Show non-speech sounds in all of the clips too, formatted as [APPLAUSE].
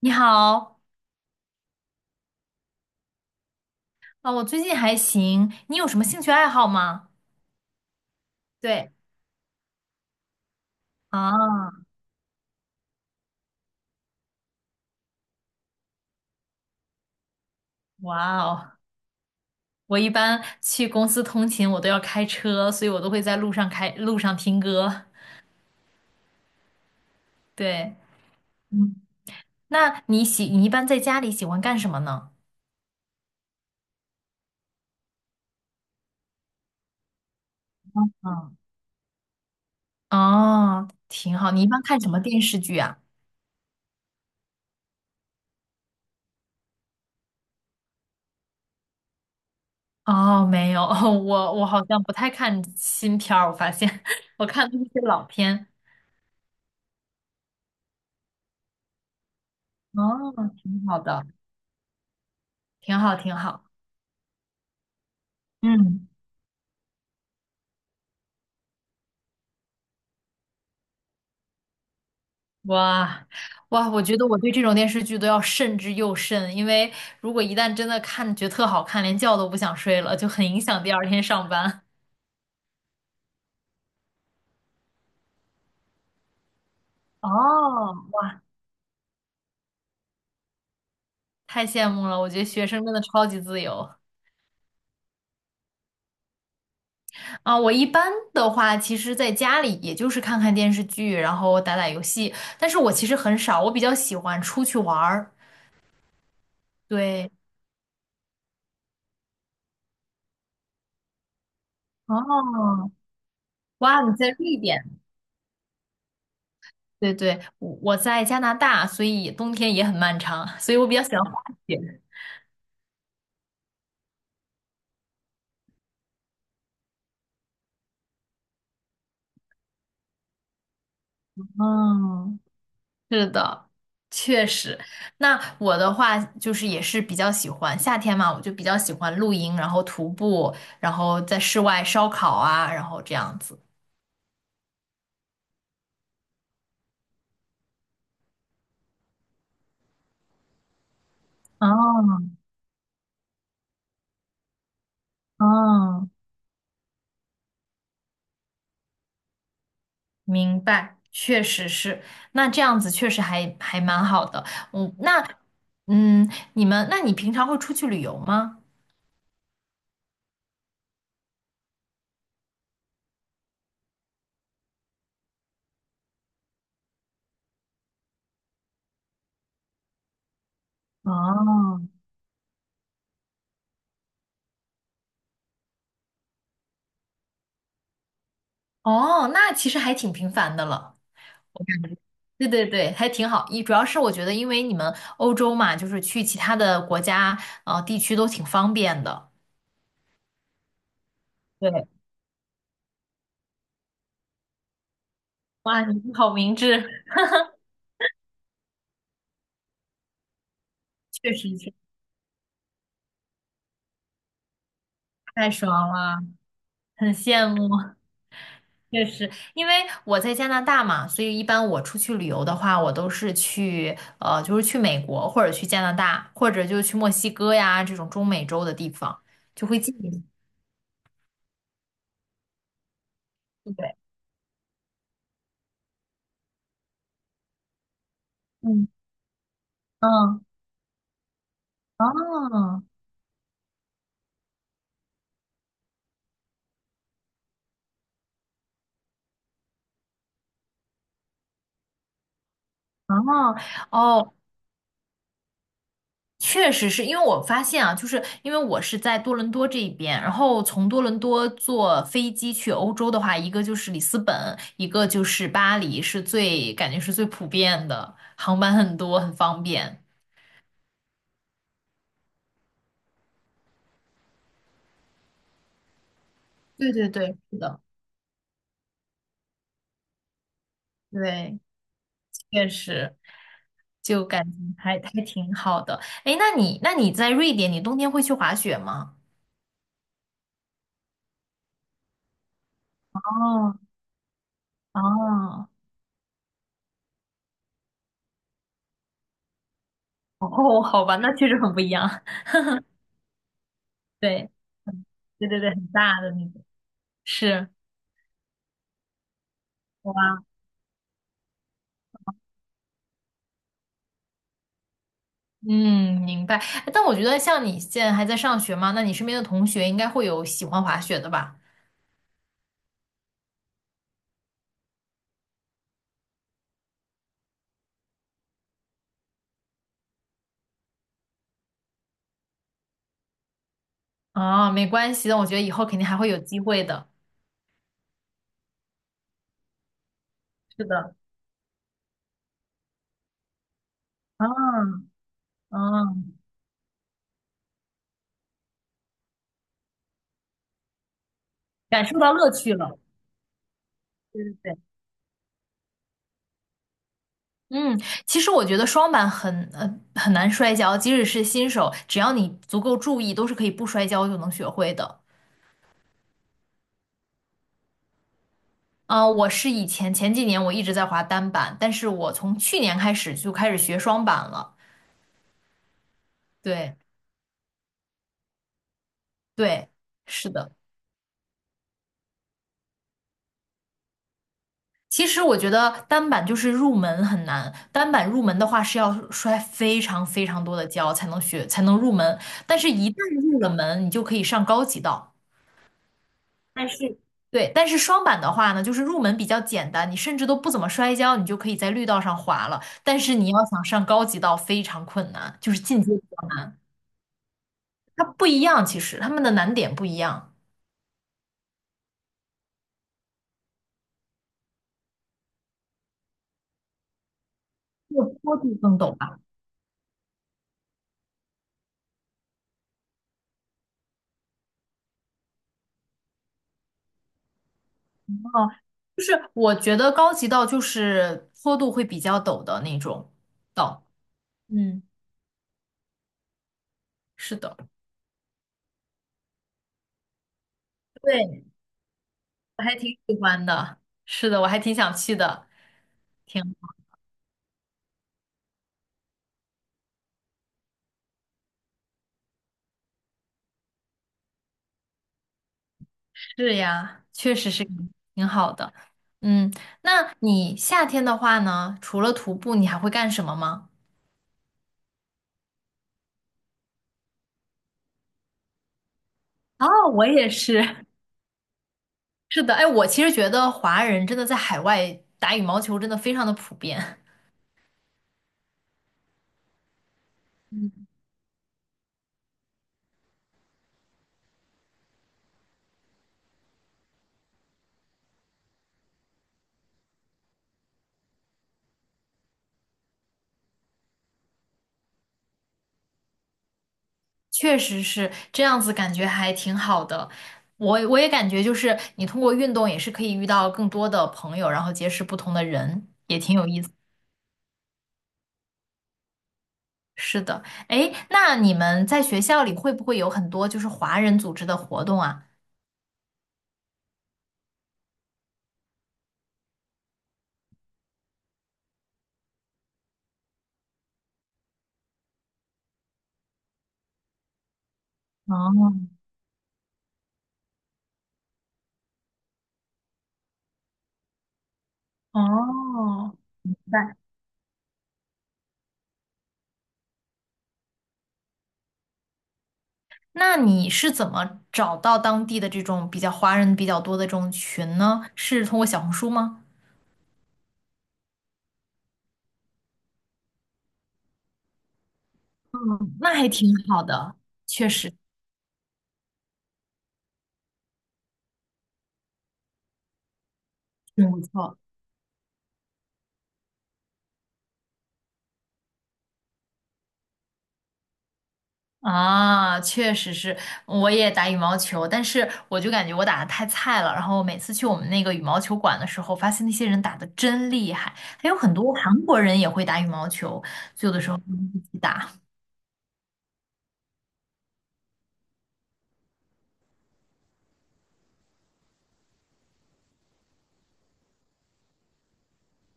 你好。我最近还行，你有什么兴趣爱好吗？对。啊。哇哦。我一般去公司通勤，我都要开车，所以我都会在路上开，路上听歌。对。嗯。那你喜，你一般在家里喜欢干什么呢？嗯。哦，挺好，你一般看什么电视剧啊？哦，没有，[LAUGHS] 我好像不太看新片儿，我发现 [LAUGHS] 我看都是些老片。哦，挺好的，挺好，挺好。嗯。哇，哇，我觉得我对这种电视剧都要慎之又慎，因为如果一旦真的看觉得特好看，连觉都不想睡了，就很影响第二天上班。[LAUGHS] 哦，太羡慕了，我觉得学生真的超级自由。啊！我一般的话，其实在家里也就是看看电视剧，然后打打游戏，但是我其实很少，我比较喜欢出去玩儿。对。哦。哇，你在瑞典？对对，我在加拿大，所以冬天也很漫长，所以我比较喜欢滑雪。嗯，是的，确实。那我的话就是也是比较喜欢夏天嘛，我就比较喜欢露营，然后徒步，然后在室外烧烤啊，然后这样子。哦。哦，明白，确实是。那这样子确实还还蛮好的。嗯，那嗯，你们，那你平常会出去旅游吗？哦。哦，那其实还挺频繁的了。对对对，还挺好。一主要是我觉得，因为你们欧洲嘛，就是去其他的国家地区都挺方便的。对。哇，你们好明智。[LAUGHS] 确实是，太爽了，很羡慕。确实，因为我在加拿大嘛，所以一般我出去旅游的话，我都是去就是去美国或者去加拿大，或者就去墨西哥呀这种中美洲的地方，就会近一些。对。嗯。嗯。哦。哦。哦，确实是因为我发现啊，就是因为我是在多伦多这一边，然后从多伦多坐飞机去欧洲的话，一个就是里斯本，一个就是巴黎，是最感觉是最普遍的，航班很多，很方便。对对对，是的。对。确实，就感觉还还挺好的。哎，那你那你在瑞典，你冬天会去滑雪吗？哦。哦。哦，好吧，那确实很不一样。[LAUGHS] 对对对对，很大的那种，是。哇。嗯，明白。但我觉得像你现在还在上学嘛，那你身边的同学应该会有喜欢滑雪的吧？啊，没关系的，我觉得以后肯定还会有机会的。是的。啊。嗯，感受到乐趣了。对对对。嗯，其实我觉得双板很很难摔跤，即使是新手，只要你足够注意，都是可以不摔跤就能学会的。啊，我是以前前几年我一直在滑单板，但是我从去年开始就开始学双板了。对。对，是的。其实我觉得单板就是入门很难，单板入门的话是要摔非常非常多的跤才能学，才能入门。但是，一旦入了门，你就可以上高级道。但是，对，但是双板的话呢，就是入门比较简单，你甚至都不怎么摔跤，你就可以在绿道上滑了。但是你要想上高级道非常困难，就是进阶道，它不一样，其实它们的难点不一样，这个坡度更陡吧？哦，就是我觉得高级道就是坡度会比较陡的那种道。嗯，是的。对，我还挺喜欢的。是的，我还挺想去的。挺好。是呀，确实是，挺好的。嗯，那你夏天的话呢，除了徒步，你还会干什么吗？哦，我也是。[LAUGHS] 是的，哎，我其实觉得华人真的在海外打羽毛球真的非常的普遍。嗯。[LAUGHS] 确实是这样子，感觉还挺好的。我也感觉就是你通过运动也是可以遇到更多的朋友，然后结识不同的人，也挺有意思。是的，哎，那你们在学校里会不会有很多就是华人组织的活动啊？哦。哦，明白。那你是怎么找到当地的这种比较华人比较多的这种群呢？是通过小红书吗？嗯，那还挺好的，确实挺不错。啊，确实是，我也打羽毛球，但是我就感觉我打的太菜了。然后每次去我们那个羽毛球馆的时候，发现那些人打的真厉害，还有很多韩国人也会打羽毛球，就有的时候会一起打。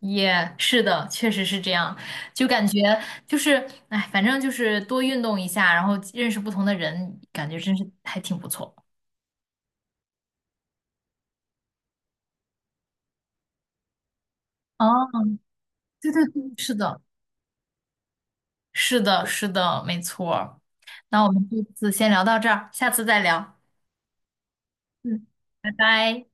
也是的，确实是这样，就感觉就是，哎，反正就是多运动一下，然后认识不同的人，感觉真是还挺不错。哦，对对对，是的，是的，是的，没错儿。那我们这次先聊到这儿，下次再聊。嗯，拜拜。